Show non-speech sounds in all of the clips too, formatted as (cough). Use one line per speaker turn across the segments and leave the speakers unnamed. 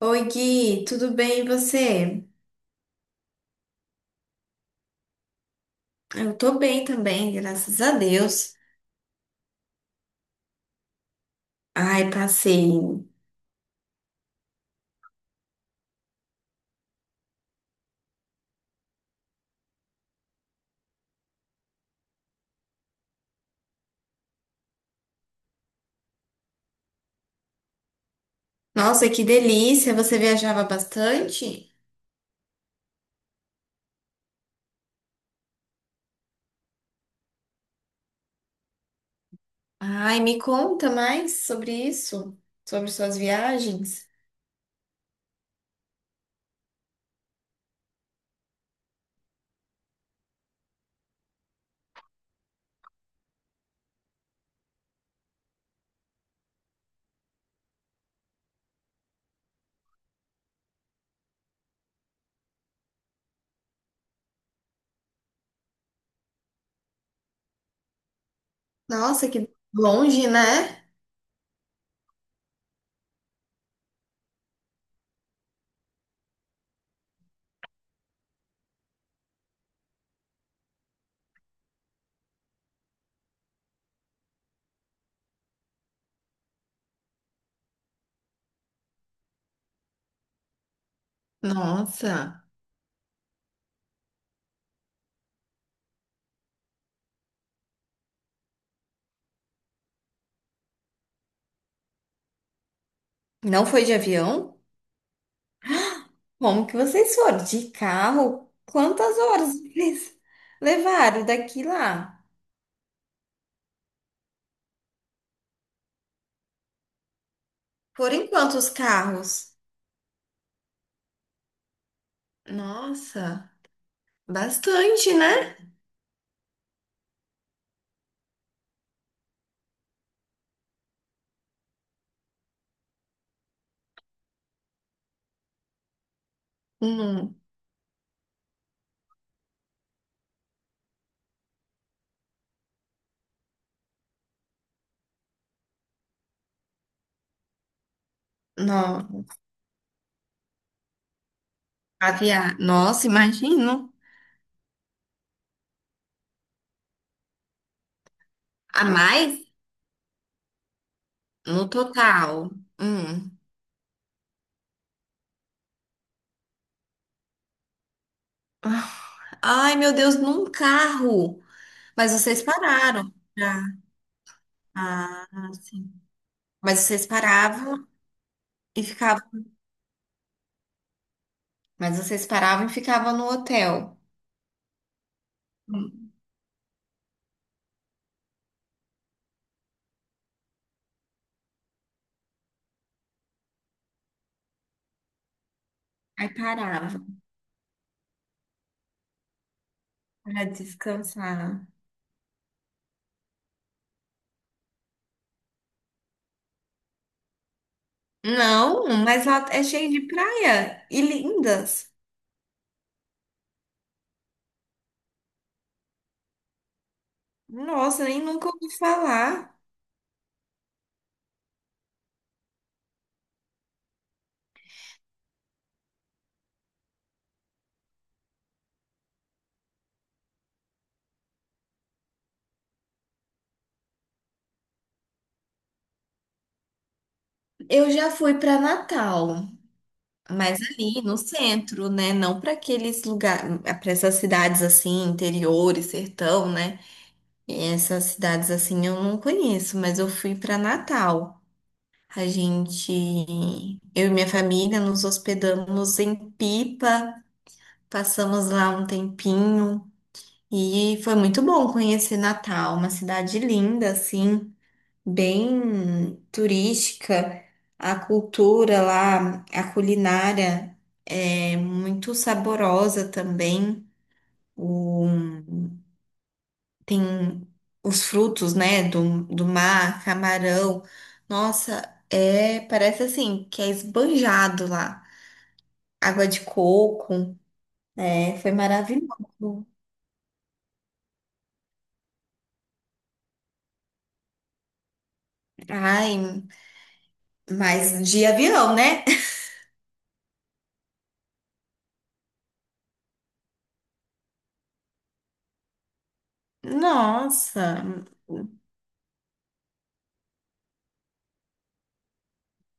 Oi, Gui, tudo bem e você? Eu tô bem também, graças a Deus. Ai, passei. Nossa, que delícia! Você viajava bastante? Ai, me conta mais sobre isso, sobre suas viagens. Nossa, que longe, né? Nossa, não foi de avião? Como que vocês foram? De carro? Quantas horas vocês (laughs) levaram daqui lá? Foram em quantos carros? Nossa, bastante, né? Hum. Não caviar. Nossa, imagino. A mais no total. Hum. Ai, meu Deus, num carro. Mas vocês pararam. Ah, sim. Mas vocês paravam e ficavam. Mas vocês paravam e ficavam no hotel. Hum. Aí paravam para descansar. Não, mas lá é cheio de praia e lindas. Nossa, nem nunca ouvi falar. Eu já fui para Natal. Mas ali no centro, né? Não para aqueles lugares, para essas cidades assim, interiores, sertão, né? Essas cidades assim eu não conheço, mas eu fui para Natal. A gente, eu e minha família, nos hospedamos em Pipa, passamos lá um tempinho e foi muito bom conhecer Natal, uma cidade linda assim, bem turística. A cultura lá, a culinária é muito saborosa também. O, tem os frutos, né, do mar, camarão. Nossa, parece assim que é esbanjado lá. Água de coco, foi maravilhoso. Ai, mas de avião, né? (laughs) Nossa,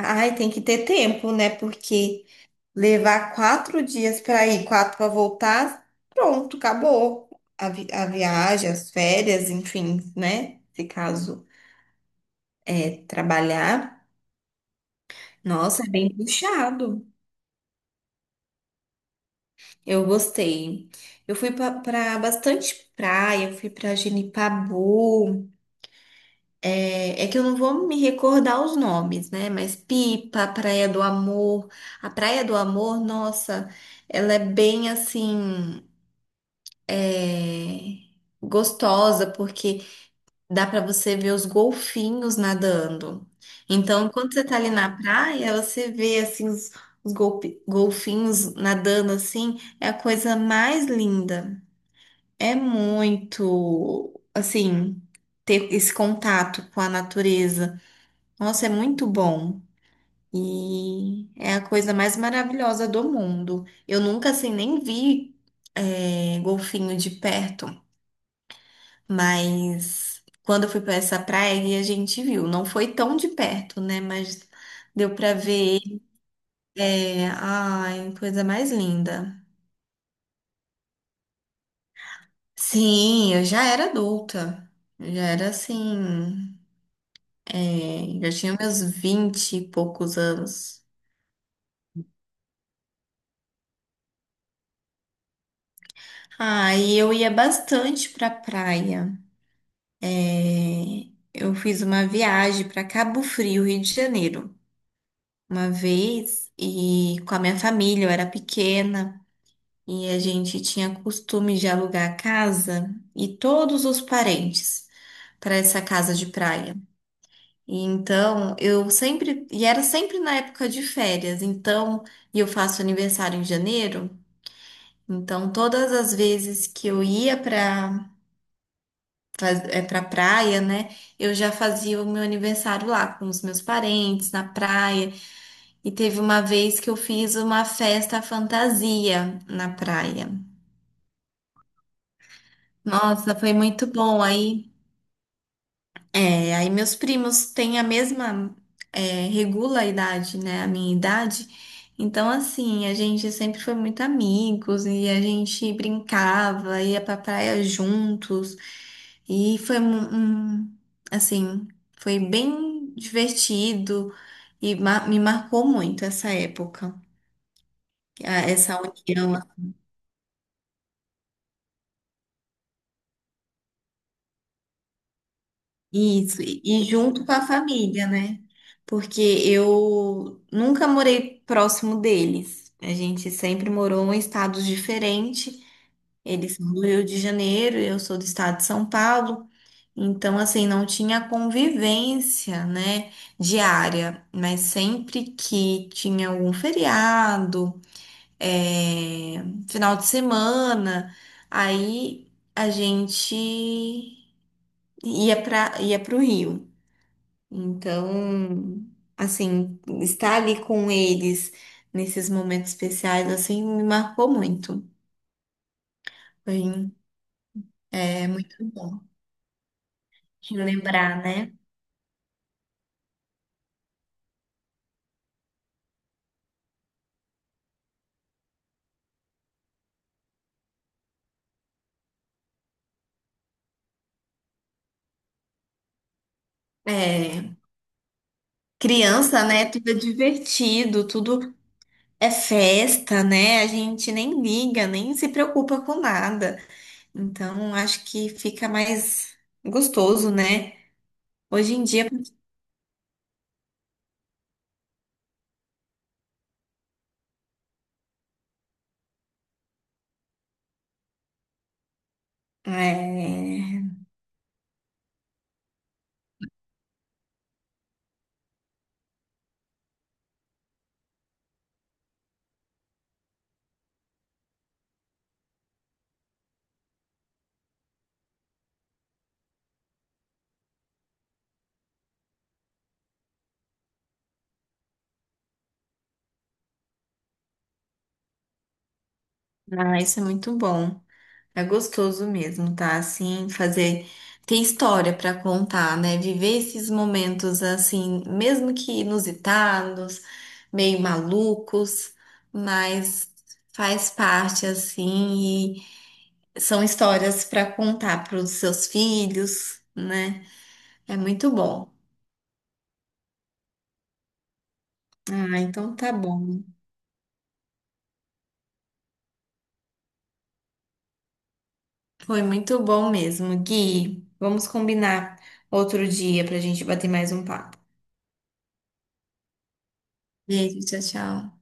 ai, tem que ter tempo, né? Porque levar 4 dias para ir, quatro para voltar, pronto, acabou. A viagem, as férias, enfim, né? Se caso é trabalhar. Nossa, é bem puxado. Eu gostei. Eu fui para bastante praia, eu fui para Genipabu. É que eu não vou me recordar os nomes, né? Mas Pipa, Praia do Amor. A Praia do Amor, nossa, ela é bem assim. é, gostosa, porque dá para você ver os golfinhos nadando. Então, quando você tá ali na praia, você vê assim os golfinhos nadando assim, é a coisa mais linda. É muito, assim, ter esse contato com a natureza. Nossa, é muito bom. E é a coisa mais maravilhosa do mundo. Eu nunca, assim, nem vi, golfinho de perto. Mas quando eu fui para essa praia e a gente viu, não foi tão de perto, né? Mas deu para ver. É, ai, coisa mais linda. Sim, eu já era adulta. Eu já era assim, já tinha meus vinte e poucos anos. Ah, e eu ia bastante pra praia. É, eu fiz uma viagem para Cabo Frio, Rio de Janeiro, uma vez, e com a minha família, eu era pequena. E a gente tinha costume de alugar a casa e todos os parentes para essa casa de praia. E então eu sempre, e era sempre na época de férias, então, e eu faço aniversário em janeiro, então todas as vezes que eu ia para praia, né, eu já fazia o meu aniversário lá com os meus parentes, na praia. E teve uma vez que eu fiz uma festa fantasia na praia. Nossa, foi muito bom aí. É, aí meus primos têm a mesma, regula a idade, né? A minha idade. Então, assim, a gente sempre foi muito amigos e a gente brincava, ia pra praia juntos. E foi assim, foi bem divertido e me marcou muito essa época, essa união. Isso, e junto com a família, né? Porque eu nunca morei próximo deles. A gente sempre morou em estados diferentes. Eles são do Rio de Janeiro, eu sou do estado de São Paulo. Então, assim, não tinha convivência, né, diária. Mas sempre que tinha algum feriado, é final de semana, aí a gente ia para o Rio. Então, assim, estar ali com eles nesses momentos especiais, assim, me marcou muito. Foi, muito bom relembrar, né? É, criança, né? Tudo é divertido, tudo é festa, né? A gente nem liga, nem se preocupa com nada. Então, acho que fica mais gostoso, né? Hoje em dia, é, ah, isso é muito bom. É gostoso mesmo, tá? Assim, fazer. Ter história pra contar, né? Viver esses momentos assim, mesmo que inusitados, meio malucos, mas faz parte assim e são histórias pra contar pros seus filhos, né? É muito bom. Ah, então tá bom. Foi muito bom mesmo, Gui. Vamos combinar outro dia pra gente bater mais um papo. Beijo, tchau, tchau.